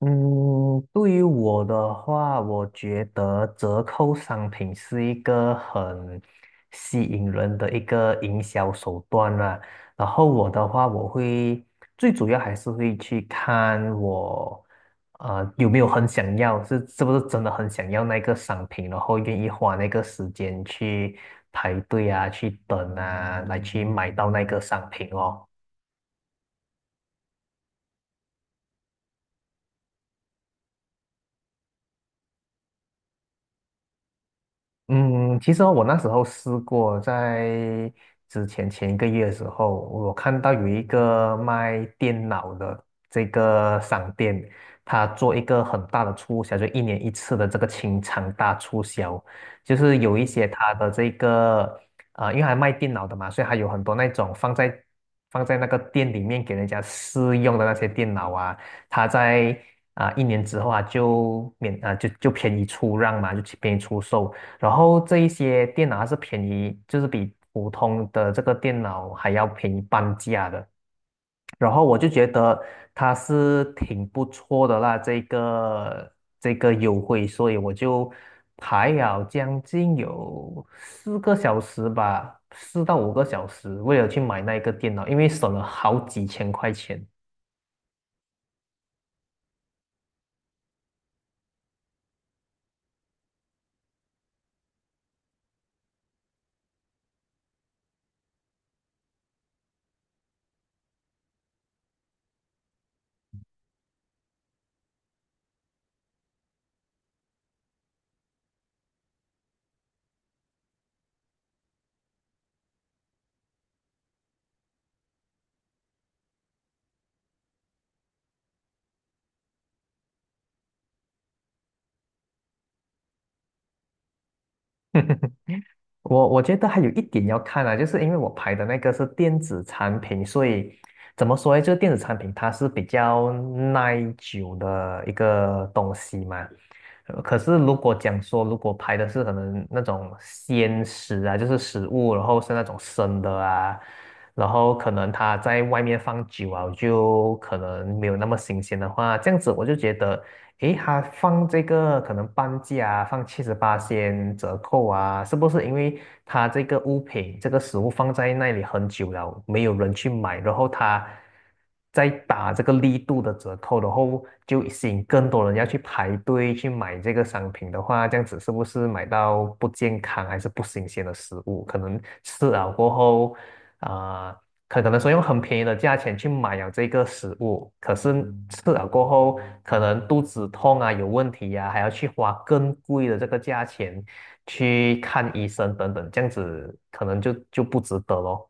嗯，对于我的话，我觉得折扣商品是一个很吸引人的一个营销手段啦。然后我的话，我会最主要还是会去看我有没有很想要，是不是真的很想要那个商品，然后愿意花那个时间去排队啊，去等啊，来去买到那个商品哦。嗯，其实哦我那时候试过，在前一个月的时候，我看到有一个卖电脑的这个商店，他做一个很大的促销，就一年一次的这个清仓大促销，就是有一些他的这个因为还卖电脑的嘛，所以还有很多那种放在那个店里面给人家试用的那些电脑啊，他在一年之后啊就免啊就就便宜出让嘛，就便宜出售。然后这一些电脑还是便宜，就是比普通的这个电脑还要便宜半价的。然后我就觉得它是挺不错的啦，这个优惠，所以我就排了将近有4个小时吧，4到5个小时，为了去买那个电脑，因为省了好几千块钱。我觉得还有一点要看啊，就是因为我拍的那个是电子产品，所以怎么说呢？就是电子产品它是比较耐久的一个东西嘛，可是如果讲说，如果拍的是可能那种鲜食啊，就是食物，然后是那种生的啊，然后可能他在外面放久啊，就可能没有那么新鲜的话，这样子我就觉得，诶，他放这个可能半价啊，放78先折扣啊，是不是因为他这个物品这个食物放在那里很久了，没有人去买，然后他再打这个力度的折扣，然后就吸引更多人要去排队去买这个商品的话，这样子是不是买到不健康还是不新鲜的食物？可能吃了过后，啊、可能说用很便宜的价钱去买了这个食物，可是吃了过后，可能肚子痛啊，有问题呀、还要去花更贵的这个价钱去看医生等等，这样子可能就不值得咯。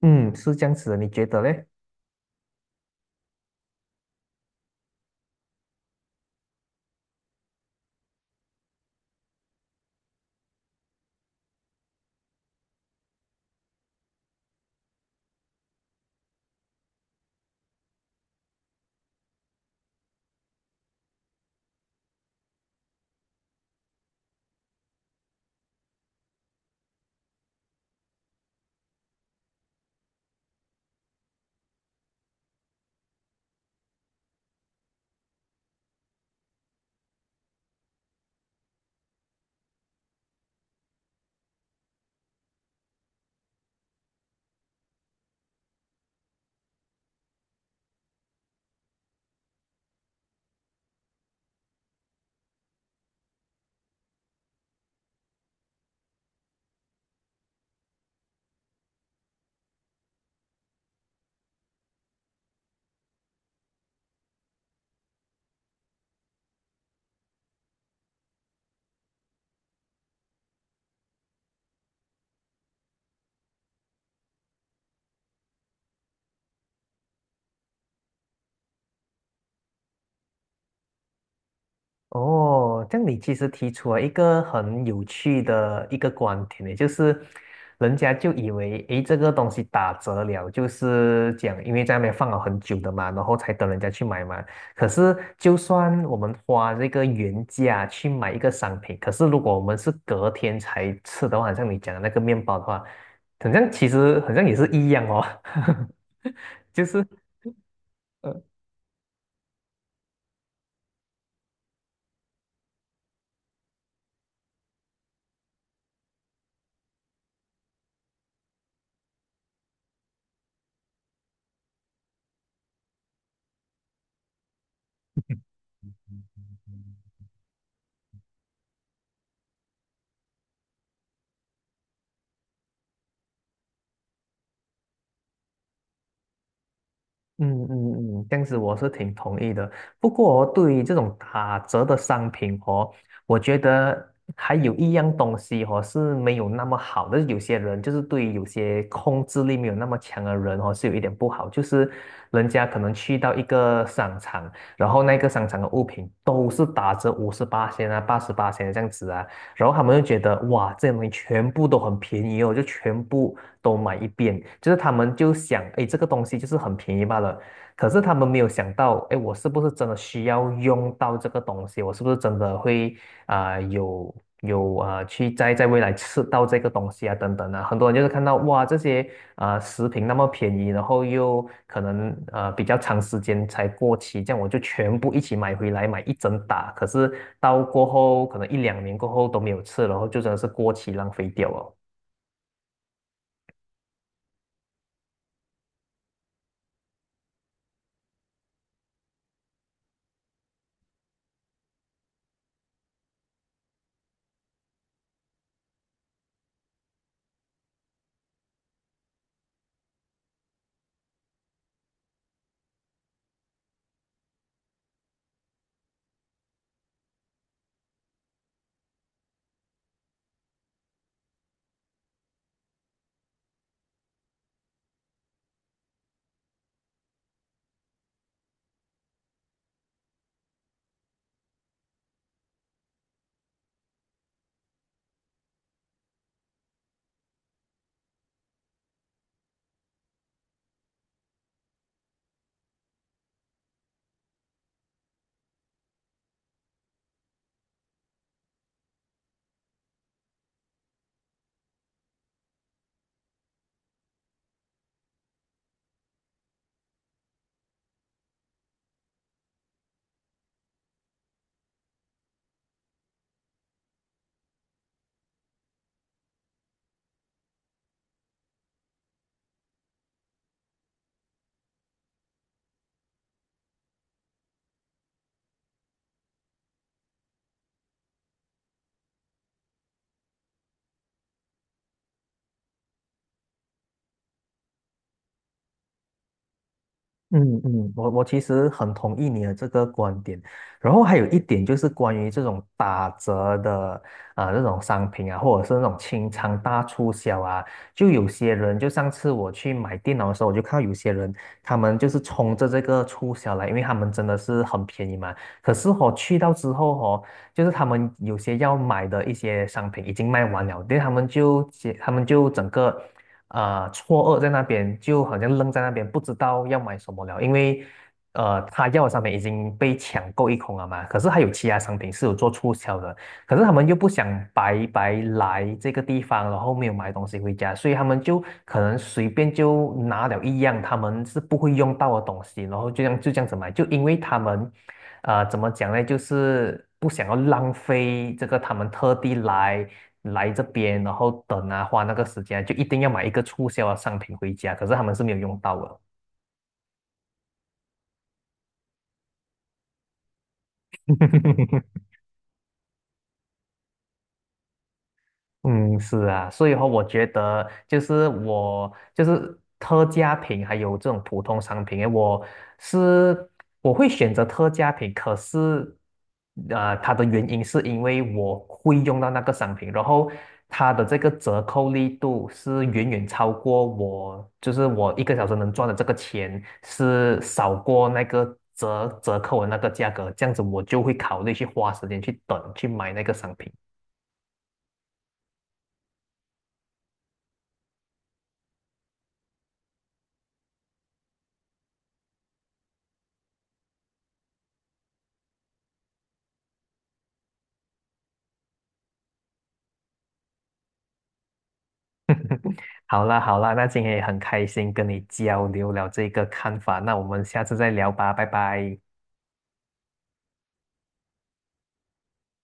嗯，是这样子的，你觉得嘞？哦，这样你其实提出了一个很有趣的一个观点呢，就是人家就以为，诶，这个东西打折了，就是讲因为在那边放了很久的嘛，然后才等人家去买嘛。可是就算我们花这个原价去买一个商品，可是如果我们是隔天才吃的话，好像你讲的那个面包的话，好像其实好像也是一样哦，就是。嗯嗯嗯，这样子我是挺同意的。不过哦对于这种打折的商品哦，我觉得还有一样东西哦是没有那么好的。有些人就是对于有些控制力没有那么强的人哦，是有一点不好。就是人家可能去到一个商场，然后那个商场的物品都是打折58啊、88这样子啊，然后他们就觉得哇，这些东西全部都很便宜哦，就全部都买一遍。就是他们就想，哎，这个东西就是很便宜罢了。可是他们没有想到，哎，我是不是真的需要用到这个东西？我是不是真的会有有啊、去在未来吃到这个东西啊等等啊，很多人就是看到哇这些食品那么便宜，然后又可能比较长时间才过期，这样我就全部一起买回来买一整打，可是到过后可能一两年过后都没有吃，然后就真的是过期浪费掉了。嗯嗯，我其实很同意你的这个观点，然后还有一点就是关于这种打折的啊，这种商品啊，或者是那种清仓大促销啊，就有些人就上次我去买电脑的时候，我就看到有些人他们就是冲着这个促销来，因为他们真的是很便宜嘛。可是去到之后哦，就是他们有些要买的一些商品已经卖完了，对，他们就整个。错愕在那边，就好像愣在那边，不知道要买什么了，因为他要的商品已经被抢购一空了嘛，可是还有其他商品是有做促销的，可是他们又不想白白来这个地方，然后没有买东西回家，所以他们就可能随便就拿了一样他们是不会用到的东西，然后就这样子买，就因为他们怎么讲呢？就是不想要浪费这个他们特地来这边，然后等啊，花那个时间啊，就一定要买一个促销的商品回家，可是他们是没有用到的。嗯，是啊，所以话我觉得就是我就是特价品，还有这种普通商品，诶我是会选择特价品，可是它的原因是因为我会用到那个商品，然后它的这个折扣力度是远远超过我，就是我1个小时能赚的这个钱是少过那个折扣的那个价格，这样子我就会考虑去花时间去等去买那个商品。好啦好啦，那今天也很开心跟你交流了这个看法，那我们下次再聊吧，拜拜。